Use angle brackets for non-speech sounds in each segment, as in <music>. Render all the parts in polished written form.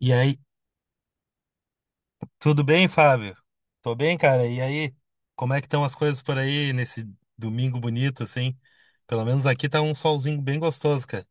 E aí, tudo bem, Fábio? Tô bem, cara. E aí, como é que estão as coisas por aí nesse domingo bonito, assim? Pelo menos aqui tá um solzinho bem gostoso, cara.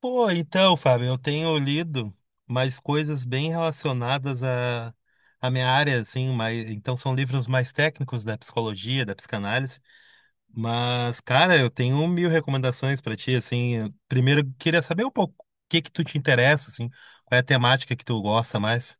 Pô, então, Fábio, eu tenho lido mais coisas bem relacionadas à minha área, assim, mas então são livros mais técnicos da psicologia, da psicanálise. Mas, cara, eu tenho mil recomendações pra ti, assim. Eu Primeiro, eu queria saber um pouco o que que tu te interessa, assim, qual é a temática que tu gosta mais.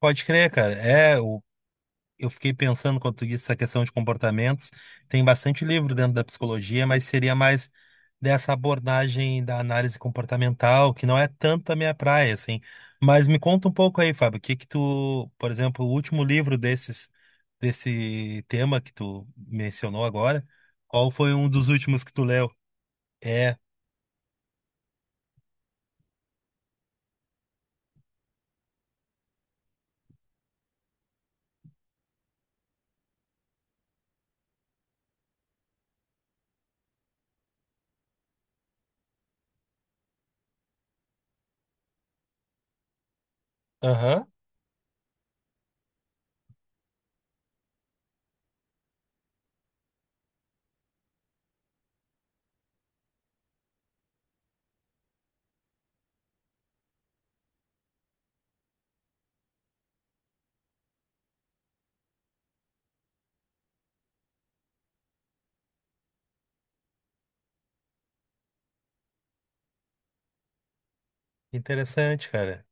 Pode crer, cara. Eu fiquei pensando quando tu disse essa questão de comportamentos. Tem bastante livro dentro da psicologia, mas seria mais dessa abordagem da análise comportamental, que não é tanto a minha praia, assim. Mas me conta um pouco aí, Fábio, o que que tu, por exemplo, o último livro desses, desse tema que tu mencionou agora, qual foi um dos últimos que tu leu? É. Aham. Interessante, cara.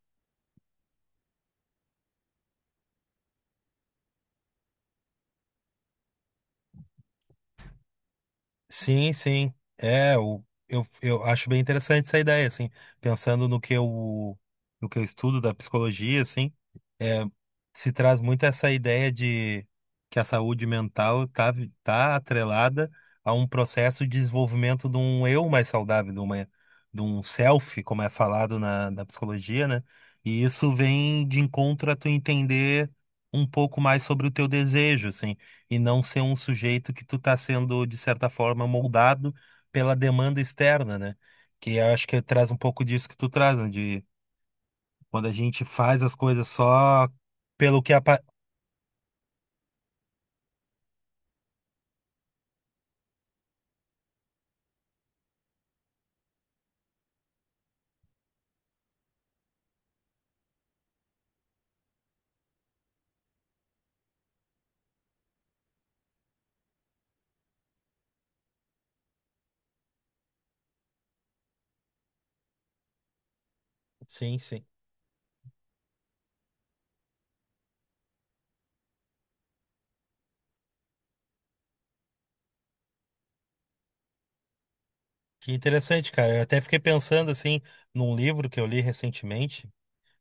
Sim, sim. Eu acho bem interessante essa ideia, assim, pensando no que eu estudo da psicologia, assim, é, se traz muito essa ideia de que a saúde mental tá atrelada a um processo de desenvolvimento de um eu mais saudável, de um self, como é falado na psicologia, né? E isso vem de encontro a tu entender um pouco mais sobre o teu desejo, assim, e não ser um sujeito que tu tá sendo, de certa forma, moldado pela demanda externa, né? Que eu acho que traz um pouco disso que tu traz, né? De quando a gente faz as coisas só pelo que apa... Sim, sim. Que interessante, cara. Eu até fiquei pensando, assim, num livro que eu li recentemente,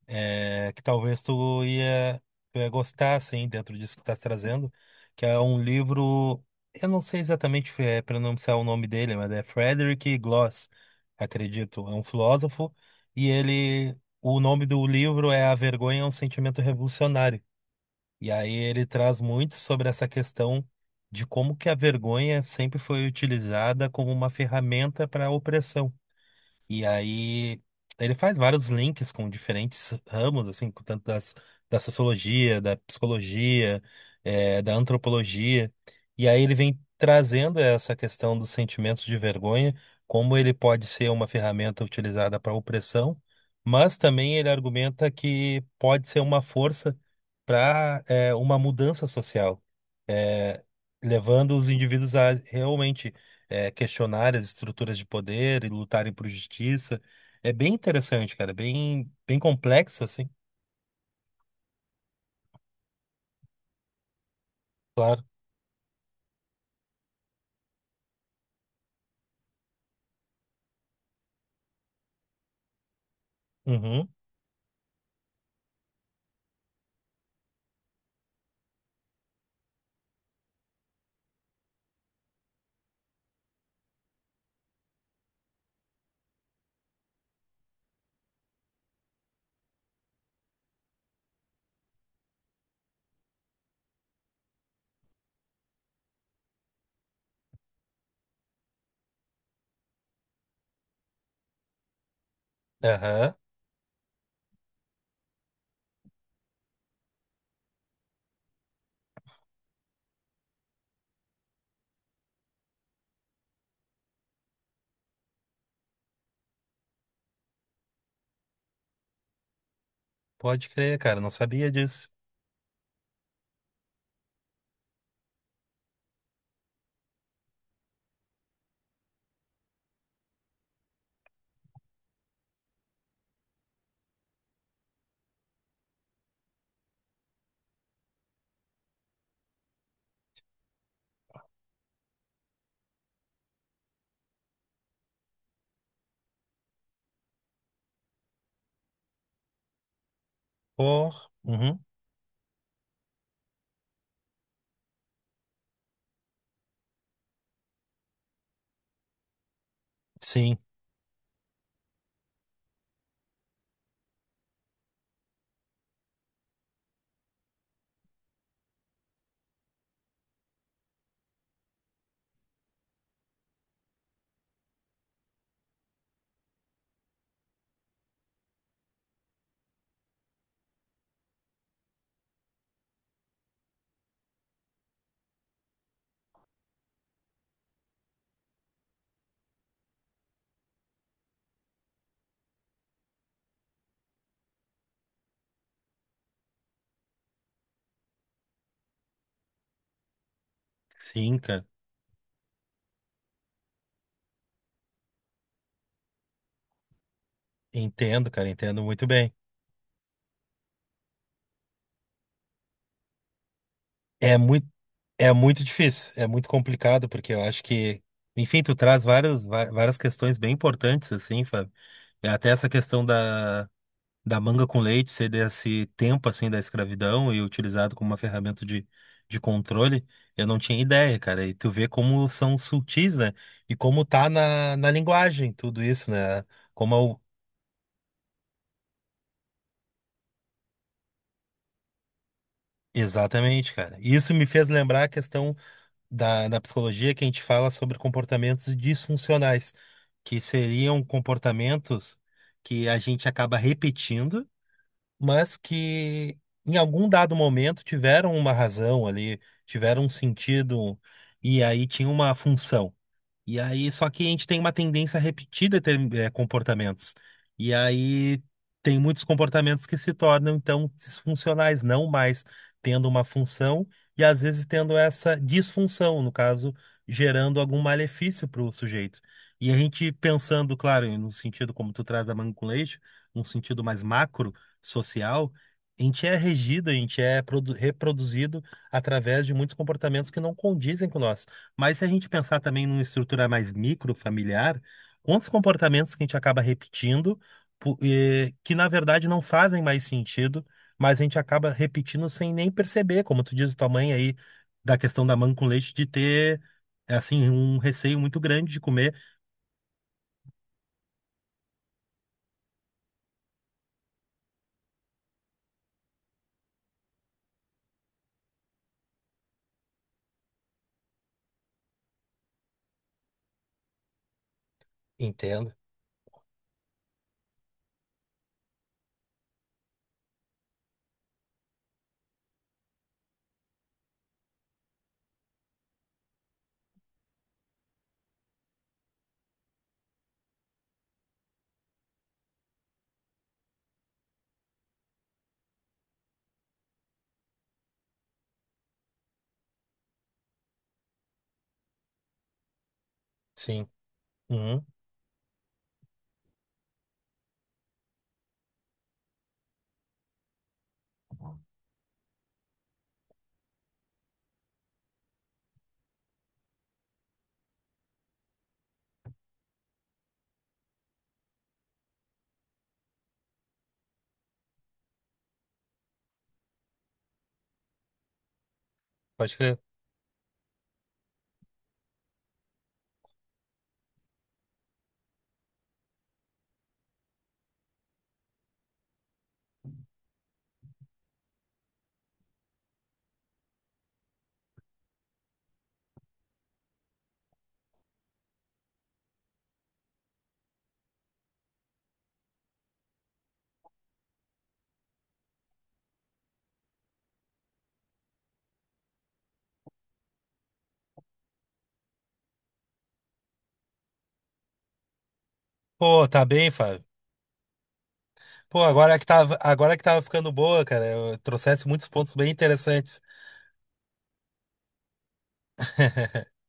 que tu ia gostar, assim, dentro disso que estás trazendo, que é um livro, eu não sei exatamente pronunciar o nome dele, mas é Frederick Gloss, acredito, é um filósofo, e ele, o nome do livro é A Vergonha é um Sentimento Revolucionário, e aí ele traz muito sobre essa questão de como que a vergonha sempre foi utilizada como uma ferramenta para a opressão. E aí ele faz vários links com diferentes ramos, assim, com tanto da sociologia, da psicologia, da antropologia. E aí ele vem trazendo essa questão dos sentimentos de vergonha, como ele pode ser uma ferramenta utilizada para opressão, mas também ele argumenta que pode ser uma força para uma mudança social, eh, levando os indivíduos a realmente questionar as estruturas de poder e lutarem por justiça. É bem interessante, cara, bem complexo, assim, claro. Uhum. Aham. Pode crer, cara, não sabia disso. Pô, uhum, sim, sim, cara, entendo muito bem. É muito, é muito difícil, é muito complicado, porque eu acho que, enfim, tu traz várias, va- várias questões bem importantes, assim, Fábio. É. Até essa questão da manga com leite ser desse tempo assim da escravidão e utilizado como uma ferramenta de controle, eu não tinha ideia, cara. E tu vê como são sutis, né? E como tá na linguagem tudo isso, né? Como é Exatamente, cara. E isso me fez lembrar a questão da psicologia que a gente fala sobre comportamentos disfuncionais, que seriam comportamentos que a gente acaba repetindo mas que em algum dado momento tiveram uma razão ali, tiveram um sentido e aí tinha uma função. E aí, só que a gente tem uma tendência a repetir comportamentos. E aí, tem muitos comportamentos que se tornam, então, disfuncionais, não mais tendo uma função e, às vezes, tendo essa disfunção, no caso, gerando algum malefício para o sujeito. E a gente pensando, claro, no sentido como tu traz da manga com leite, num sentido mais macro, social, a gente é regido, a gente é produ- reproduzido através de muitos comportamentos que não condizem com nós. Mas se a gente pensar também numa estrutura mais microfamiliar, quantos comportamentos que a gente acaba repetindo, que na verdade não fazem mais sentido, mas a gente acaba repetindo sem nem perceber, como tu diz, tua mãe aí, da questão da mãe com leite, de ter, assim, um receio muito grande de comer. Entendo, sim. Uhum, pode crer. Pô, tá bem, Fábio. Pô, agora que tava ficando boa, cara, eu trouxesse muitos pontos bem interessantes. <laughs>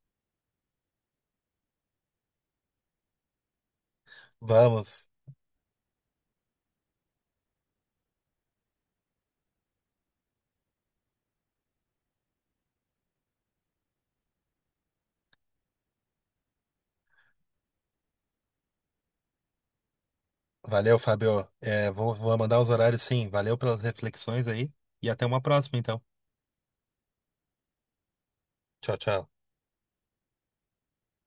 Vamos. Valeu, Fábio. Vou mandar os horários sim. Valeu pelas reflexões aí e até uma próxima, então. Tchau, tchau.